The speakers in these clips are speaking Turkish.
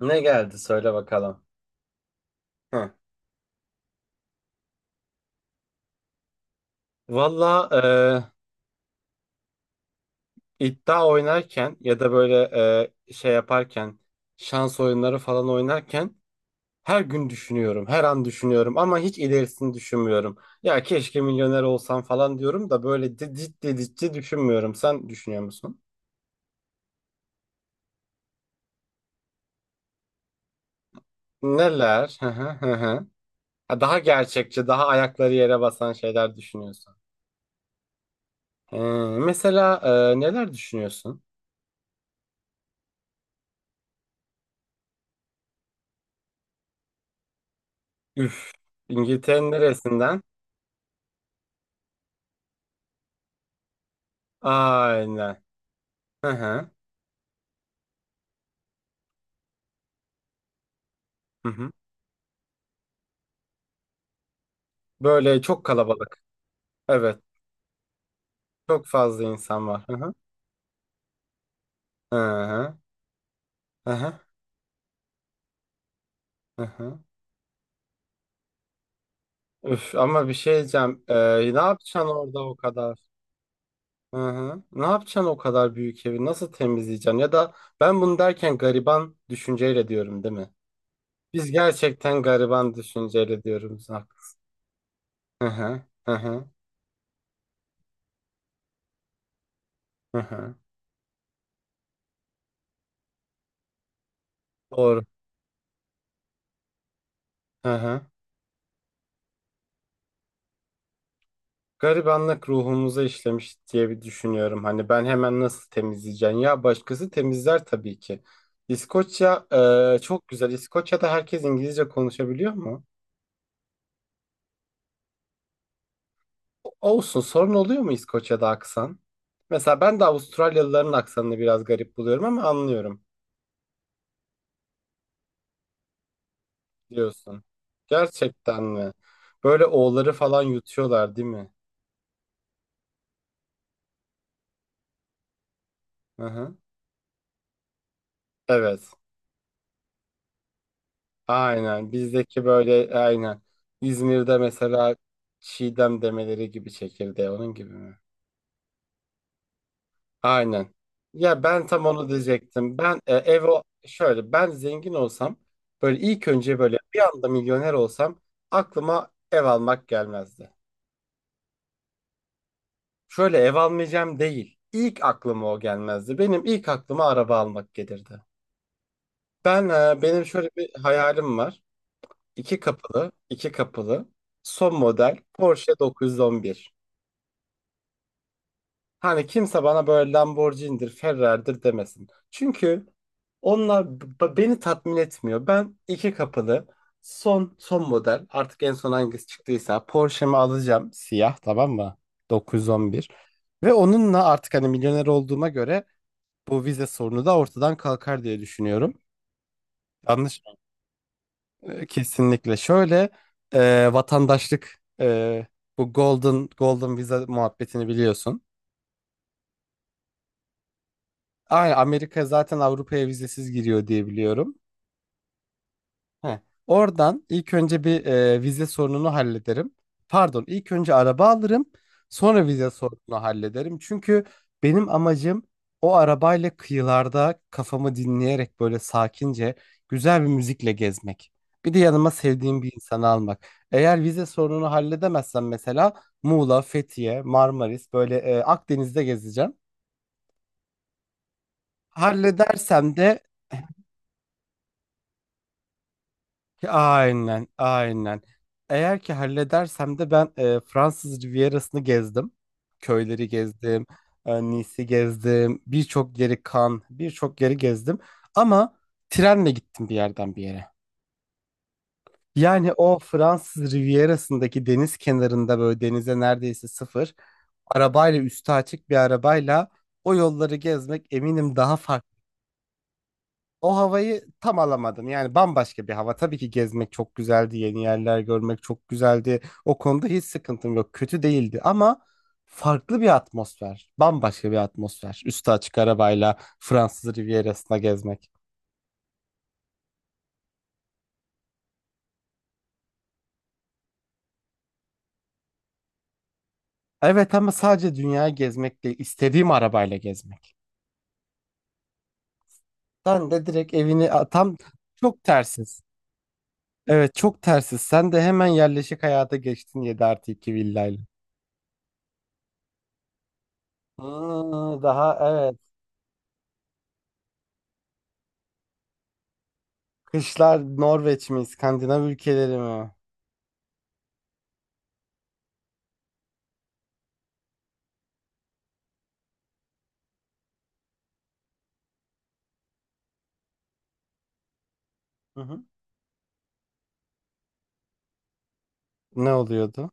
Ne geldi söyle bakalım. Heh. Valla iddia oynarken ya da böyle şey yaparken şans oyunları falan oynarken her gün düşünüyorum. Her an düşünüyorum ama hiç ilerisini düşünmüyorum. Ya keşke milyoner olsam falan diyorum da böyle ciddi ciddi düşünmüyorum. Sen düşünüyor musun? Neler? Hı hı hı hı. Ha, Daha gerçekçi, daha ayakları yere basan şeyler düşünüyorsun. Ee, mesela neler düşünüyorsun? Üf, İngiltere'nin neresinden? Aynen. Hı hı. Hı hı. Böyle çok kalabalık. Evet. Çok fazla insan var. Hı hı. Hı hı. Hı hı. Hı hı. Üf, ama bir şey diyeceğim. Ne yapacaksın orada o kadar? Hı hı. Ne yapacaksın o kadar büyük evi? Nasıl temizleyeceksin? Ya da ben bunu derken gariban düşünceyle diyorum, değil mi? Biz gerçekten gariban düşünceyle diyoruz. Hı hı. Hı hı. Hı hı. Doğru. Hı hı. Garibanlık ruhumuza işlemiş diye bir düşünüyorum. Hani ben hemen nasıl temizleyeceğim? Ya başkası temizler tabii ki. İskoçya çok güzel. İskoçya'da herkes İngilizce konuşabiliyor mu? Olsun. Sorun oluyor mu İskoçya'da aksan? Mesela ben de Avustralyalıların aksanını biraz garip buluyorum ama anlıyorum diyorsun. Gerçekten mi? Böyle o'ları falan yutuyorlar değil mi? Hı hı. Evet. Aynen bizdeki böyle aynen. İzmir'de mesela Çiğdem demeleri gibi çekirdeği onun gibi mi? Aynen. Ya ben tam onu diyecektim. Ben ev şöyle ben zengin olsam böyle ilk önce böyle bir anda milyoner olsam aklıma ev almak gelmezdi. Şöyle ev almayacağım değil. İlk aklıma o gelmezdi. Benim ilk aklıma araba almak gelirdi. Ben benim şöyle bir hayalim var. İki kapılı, son model Porsche 911. Hani kimse bana böyle Lamborghini'dir, Ferrari'dir demesin. Çünkü onlar beni tatmin etmiyor. Ben iki kapılı son model artık en son hangisi çıktıysa Porsche'mi alacağım siyah, tamam mı? 911. Ve onunla artık hani milyoner olduğuma göre bu vize sorunu da ortadan kalkar diye düşünüyorum. Yanlış mı? Kesinlikle. Şöyle vatandaşlık, bu golden vize muhabbetini biliyorsun. Aynen, Amerika zaten Avrupa'ya vizesiz giriyor diye biliyorum. Heh. Oradan ilk önce bir vize sorununu hallederim. Pardon, ilk önce araba alırım, sonra vize sorununu hallederim. Çünkü benim amacım o arabayla kıyılarda kafamı dinleyerek böyle sakince güzel bir müzikle gezmek. Bir de yanıma sevdiğim bir insanı almak. Eğer vize sorununu halledemezsem mesela Muğla, Fethiye, Marmaris böyle Akdeniz'de gezeceğim. Halledersem de aynen, aynen. Eğer ki halledersem de ben Fransız Rivierası'nı gezdim. Köyleri gezdim, Nice'i gezdim, birçok yeri, Cannes, birçok yeri gezdim. Ama trenle gittim bir yerden bir yere. Yani o Fransız Rivierası'ndaki deniz kenarında böyle denize neredeyse sıfır, arabayla, üstü açık bir arabayla o yolları gezmek eminim daha farklı. O havayı tam alamadım. Yani bambaşka bir hava. Tabii ki gezmek çok güzeldi, yeni yerler görmek çok güzeldi. O konuda hiç sıkıntım yok. Kötü değildi ama farklı bir atmosfer. Bambaşka bir atmosfer. Üstü açık arabayla Fransız Rivierası'na gezmek. Evet ama sadece dünyayı gezmek değil, istediğim arabayla gezmek. Sen de direkt evini tam çok tersiz. Evet, çok tersiz. Sen de hemen yerleşik hayata geçtin 7 artı 2 villayla. Hmm, daha evet. Kışlar Norveç mi, İskandinav ülkeleri mi? Hı hı. Ne oluyordu?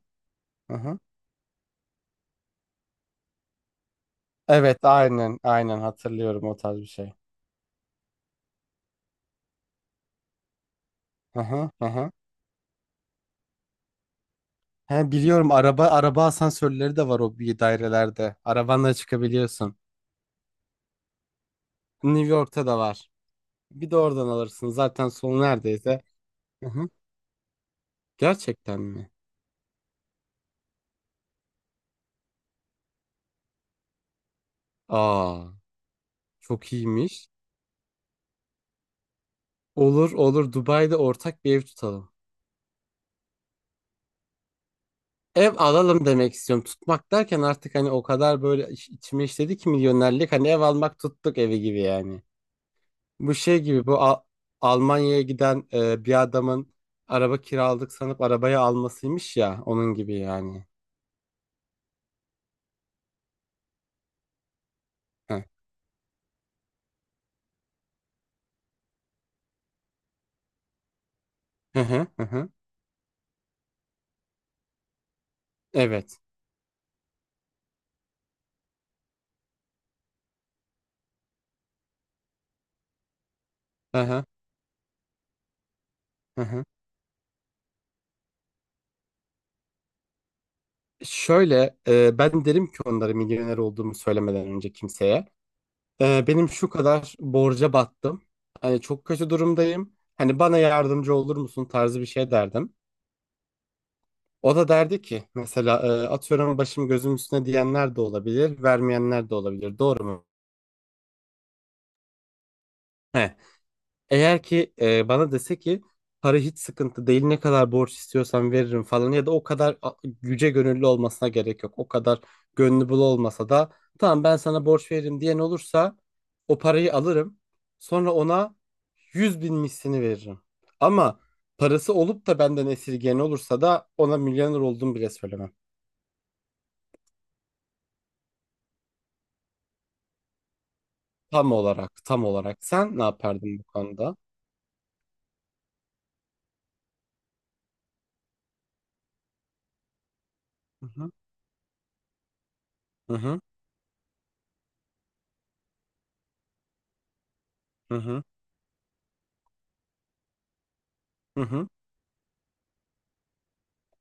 Hı hı. Evet, aynen, aynen hatırlıyorum, o tarz bir şey. Hı hı, hı hı. He, biliyorum, araba asansörleri de var o bir dairelerde. Arabanla çıkabiliyorsun. New York'ta da var. Bir de oradan alırsın. Zaten sonu neredeyse. Hı hı. Gerçekten mi? Aa, çok iyiymiş. Olur olur, Dubai'de ortak bir ev tutalım. Ev alalım demek istiyorum. Tutmak derken artık hani o kadar böyle içime işledi ki milyonerlik, hani ev almak tuttuk evi gibi yani. Bu şey gibi, bu Almanya'ya giden bir adamın araba kiraladık sanıp arabayı almasıymış ya, onun gibi yani. Heh. Hı hı hı, hı. Evet. Hı hı hı, hı. Şöyle ben derim ki onlara, milyoner olduğumu söylemeden önce kimseye. E, benim şu kadar borca battım. Hani çok kötü durumdayım. Hani bana yardımcı olur musun tarzı bir şey derdim. O da derdi ki mesela atıyorum, başım gözüm üstüne diyenler de olabilir, vermeyenler de olabilir. Doğru mu? He. Eğer ki bana dese ki para hiç sıkıntı değil, ne kadar borç istiyorsan veririm falan, ya da o kadar yüce gönüllü olmasına gerek yok. O kadar gönlü bul olmasa da tamam ben sana borç veririm diyen olursa o parayı alırım. Sonra ona 100 bin mislini veririm. Ama parası olup da benden esirgeyen olursa da ona milyoner oldum bile söylemem. Tam olarak, tam olarak. Sen ne yapardın bu konuda? Hı hı, hı hı, hı hı, hı hı.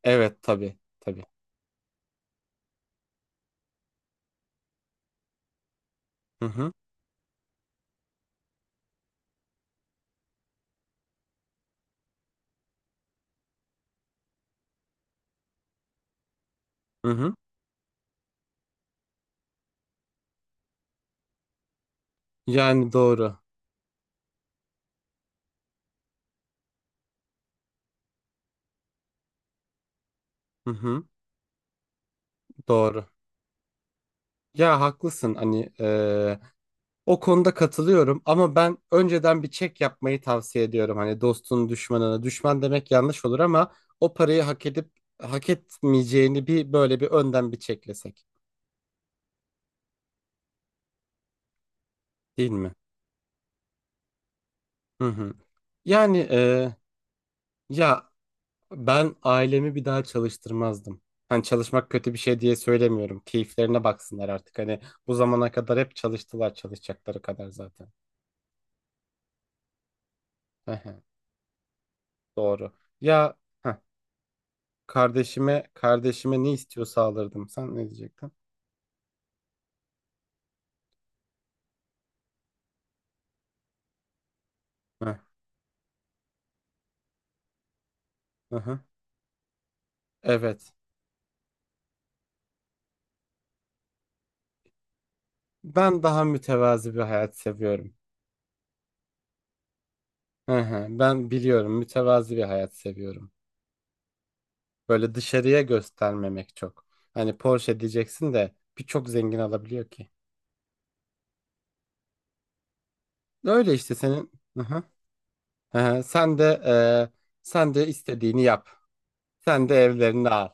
Evet, tabii, tabii. Hı hı, hı hı. Yani doğru. Hı hı, doğru. Ya haklısın, hani o konuda katılıyorum ama ben önceden bir çek yapmayı tavsiye ediyorum. Hani dostun düşmanına düşman demek yanlış olur ama o parayı hak edip hak etmeyeceğini bir böyle bir önden bir çeklesek, değil mi? Hı hı. Yani ya, ben ailemi bir daha çalıştırmazdım. Hani çalışmak kötü bir şey diye söylemiyorum. Keyiflerine baksınlar artık. Hani bu zamana kadar hep çalıştılar, çalışacakları kadar zaten. Ehe. Doğru. Ya heh, kardeşime ne istiyorsa alırdım. Sen ne diyecektin? Heh, hı. Evet. Ben daha mütevazi bir hayat seviyorum. Hı hı. Ben biliyorum, mütevazi bir hayat seviyorum. Böyle dışarıya göstermemek çok. Hani Porsche diyeceksin de birçok zengin alabiliyor ki. Öyle işte senin. Hı hı. Sen de sen de istediğini yap. Sen de evlerini al.